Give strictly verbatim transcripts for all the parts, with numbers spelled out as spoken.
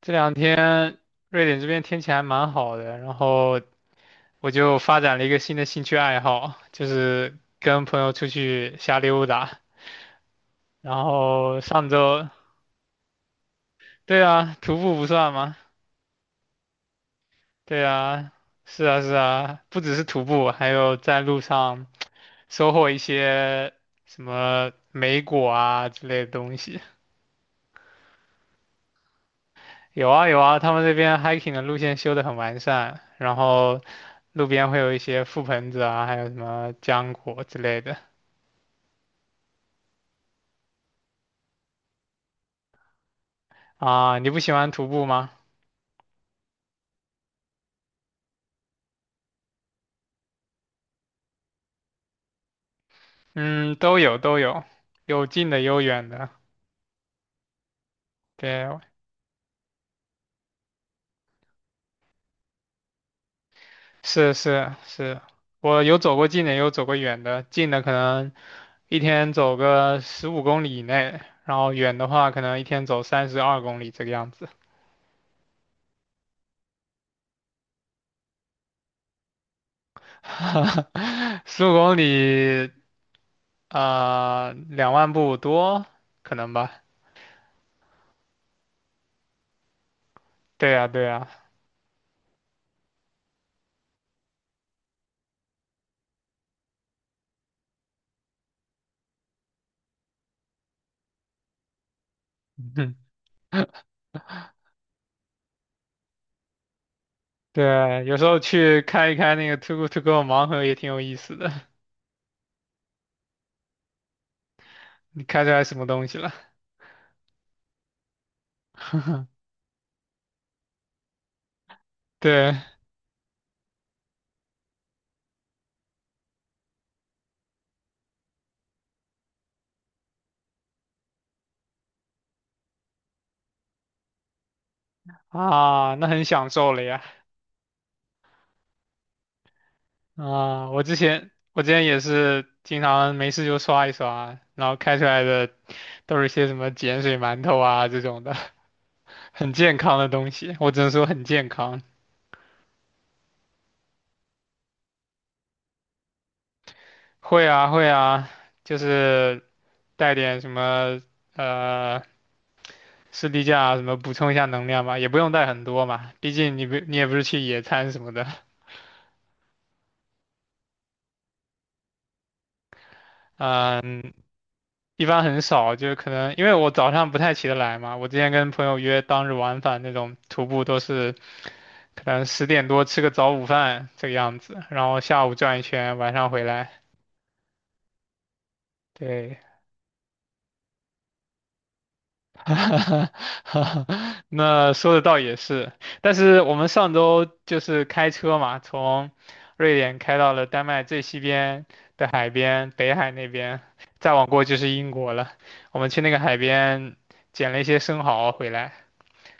这两天瑞典这边天气还蛮好的，然后我就发展了一个新的兴趣爱好，就是跟朋友出去瞎溜达。然后上周，对啊，徒步不算吗？对啊，是啊是啊，不只是徒步，还有在路上收获一些什么莓果啊之类的东西。有啊有啊，他们这边 hiking 的路线修得很完善，然后路边会有一些覆盆子啊，还有什么浆果之类的。啊，你不喜欢徒步吗？嗯，都有都有，有近的有远的。对，是是是，我有走过近的，也有走过远的。近的可能一天走个十五公里以内，然后远的话可能一天走三十二公里这个样子。十五公里，呃，两万步多，可能吧。对呀对呀，嗯，对，有时候去开一开那个 Too g o To Go 盲盒也挺有意思的。你开出来什么东西了？对啊，那很享受了呀。啊，我之前我之前也是经常没事就刷一刷，然后开出来的都是些什么碱水馒头啊这种的，很健康的东西。我只能说很健康。会啊会啊，就是带点什么呃士力架啊什么补充一下能量吧，也不用带很多嘛，毕竟你不你也不是去野餐什么的。嗯，一般很少，就是可能因为我早上不太起得来嘛，我之前跟朋友约当日往返那种徒步都是可能十点多吃个早午饭这个样子，然后下午转一圈，晚上回来。对，那说的倒也是，但是我们上周就是开车嘛，从瑞典开到了丹麦最西边的海边，北海那边，再往过就是英国了。我们去那个海边捡了一些生蚝回来。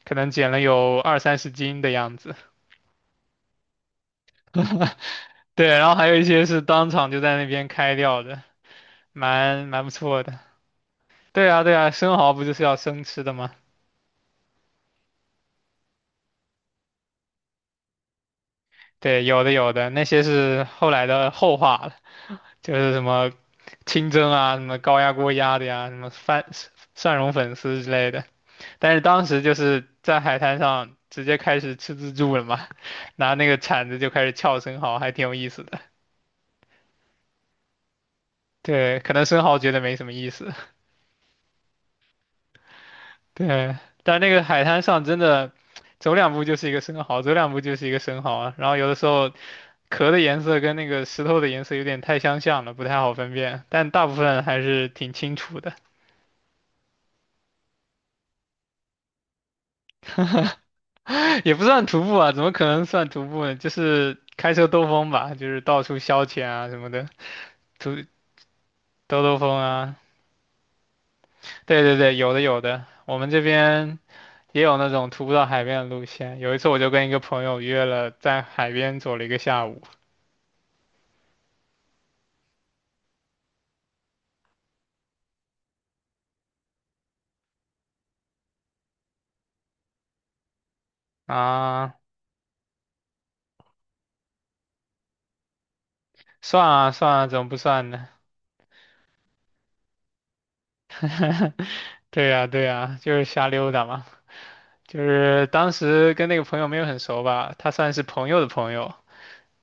可能减了有二三十斤的样子。对，然后还有一些是当场就在那边开掉的，蛮蛮不错的。对啊，对啊，生蚝不就是要生吃的吗？对，有的有的，那些是后来的后话了，就是什么清蒸啊，什么高压锅压的呀，什么番蒜蓉粉丝之类的。但是当时就是在海滩上直接开始吃自助了嘛，拿那个铲子就开始撬生蚝，还挺有意思的。对，可能生蚝觉得没什么意思。对，但那个海滩上真的，走两步就是一个生蚝，走两步就是一个生蚝啊。然后有的时候壳的颜色跟那个石头的颜色有点太相像了，不太好分辨。但大部分还是挺清楚的，也不算徒步啊，怎么可能算徒步呢？就是开车兜风吧，就是到处消遣啊什么的，徒兜兜风啊。对对对，有的有的，我们这边也有那种徒步到海边的路线。有一次我就跟一个朋友约了在海边走了一个下午啊。算啊算啊，怎么不算呢？对呀对呀，就是瞎溜达嘛。就是当时跟那个朋友没有很熟吧，他算是朋友的朋友，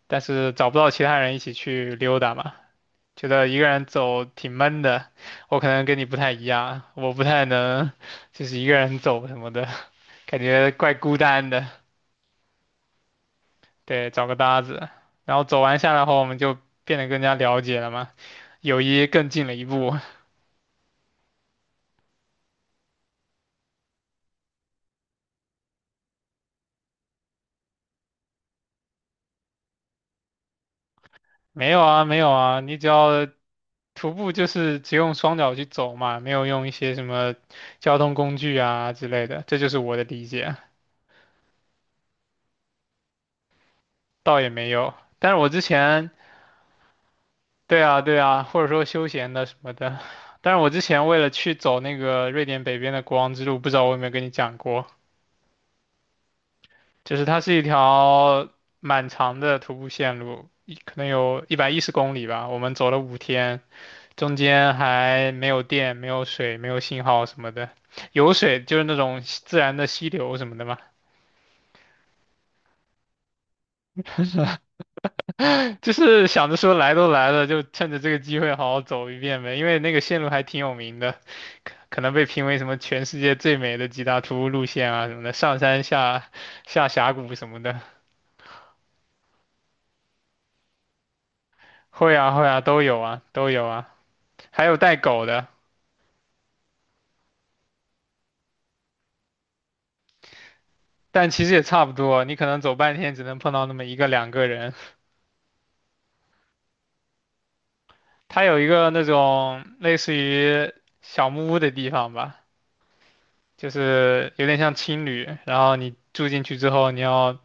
但是找不到其他人一起去溜达嘛，觉得一个人走挺闷的。我可能跟你不太一样，我不太能就是一个人走什么的，感觉怪孤单的。对，找个搭子，然后走完下来后，我们就变得更加了解了嘛，友谊更近了一步。没有啊，没有啊，你只要。徒步就是只用双脚去走嘛，没有用一些什么交通工具啊之类的，这就是我的理解，倒也没有。但是我之前，对啊，对啊，或者说休闲的什么的，但是我之前为了去走那个瑞典北边的国王之路，不知道我有没有跟你讲过，就是它是一条蛮长的徒步线路，一可能有一百一十公里吧，我们走了五天，中间还没有电、没有水、没有信号什么的，有水就是那种溪自然的溪流什么的嘛。就是想着说来都来了，就趁着这个机会好好走一遍呗，因为那个线路还挺有名的，可可能被评为什么全世界最美的几大徒步路线啊什么的，上山下下峡谷什么的，会啊会啊都有啊都有啊，还有带狗的，但其实也差不多，你可能走半天只能碰到那么一个两个人。它有一个那种类似于小木屋的地方吧，就是有点像青旅，然后你住进去之后，你要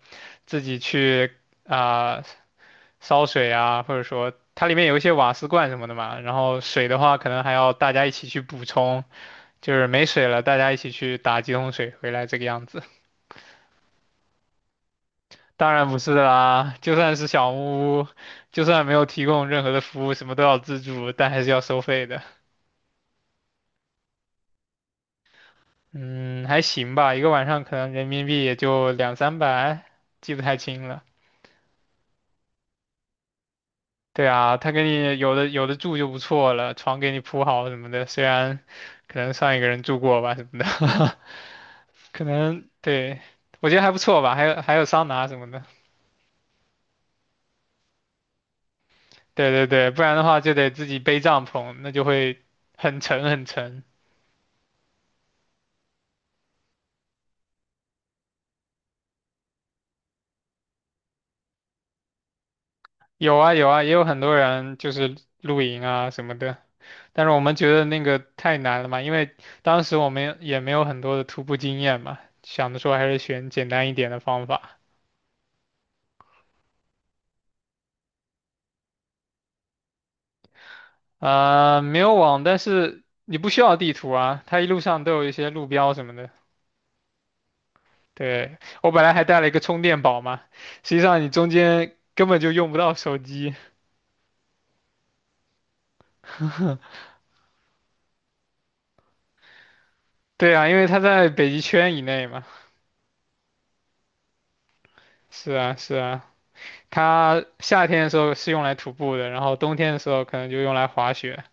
自己去啊、烧水啊，或者说它里面有一些瓦斯罐什么的嘛，然后水的话可能还要大家一起去补充，就是没水了大家一起去打几桶水回来这个样子。当然不是啦，就算是小木屋，就算没有提供任何的服务，什么都要自助，但还是要收费的。嗯，还行吧，一个晚上可能人民币也就两三百，记不太清了。对啊，他给你有的有的住就不错了，床给你铺好什么的，虽然可能上一个人住过吧什么的，可能对，我觉得还不错吧，还有还有桑拿什么的。对对对，不然的话就得自己背帐篷，那就会很沉很沉。有啊有啊，也有很多人就是露营啊什么的。但是我们觉得那个太难了嘛，因为当时我们也没有很多的徒步经验嘛，想着说还是选简单一点的方法。呃，没有网，但是你不需要地图啊，它一路上都有一些路标什么的。对，我本来还带了一个充电宝嘛，实际上你中间根本就用不到手机。对啊，因为它在北极圈以内嘛。是啊，是啊，它夏天的时候是用来徒步的，然后冬天的时候可能就用来滑雪。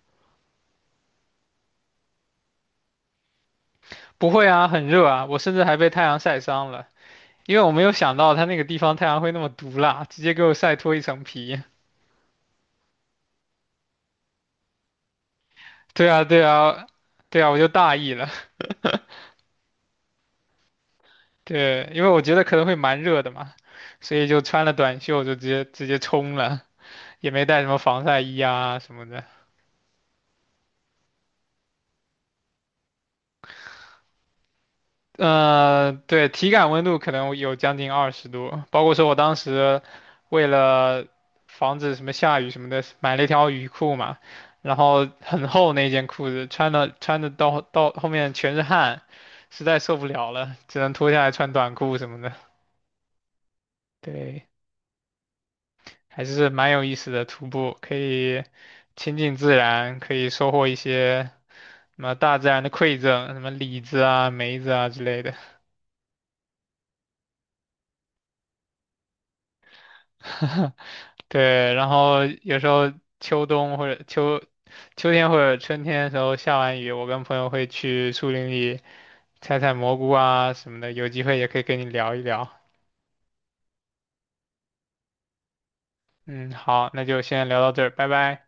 不会啊，很热啊，我甚至还被太阳晒伤了。因为我没有想到他那个地方太阳会那么毒辣，直接给我晒脱一层皮。对啊，对啊，对啊，我就大意了。对，因为我觉得可能会蛮热的嘛，所以就穿了短袖就直接直接冲了，也没带什么防晒衣啊什么的。呃，对，体感温度可能有将近二十度，包括说我当时为了防止什么下雨什么的，买了一条雨裤嘛，然后很厚那件裤子，穿的穿的到到后面全是汗，实在受不了了，只能脱下来穿短裤什么的。对，还是蛮有意思的徒步，可以亲近自然，可以收获一些什么大自然的馈赠，什么李子啊、梅子啊之类的。对，然后有时候秋冬或者秋秋天或者春天的时候下完雨，我跟朋友会去树林里采采蘑菇啊什么的，有机会也可以跟你聊一聊。嗯，好，那就先聊到这儿，拜拜。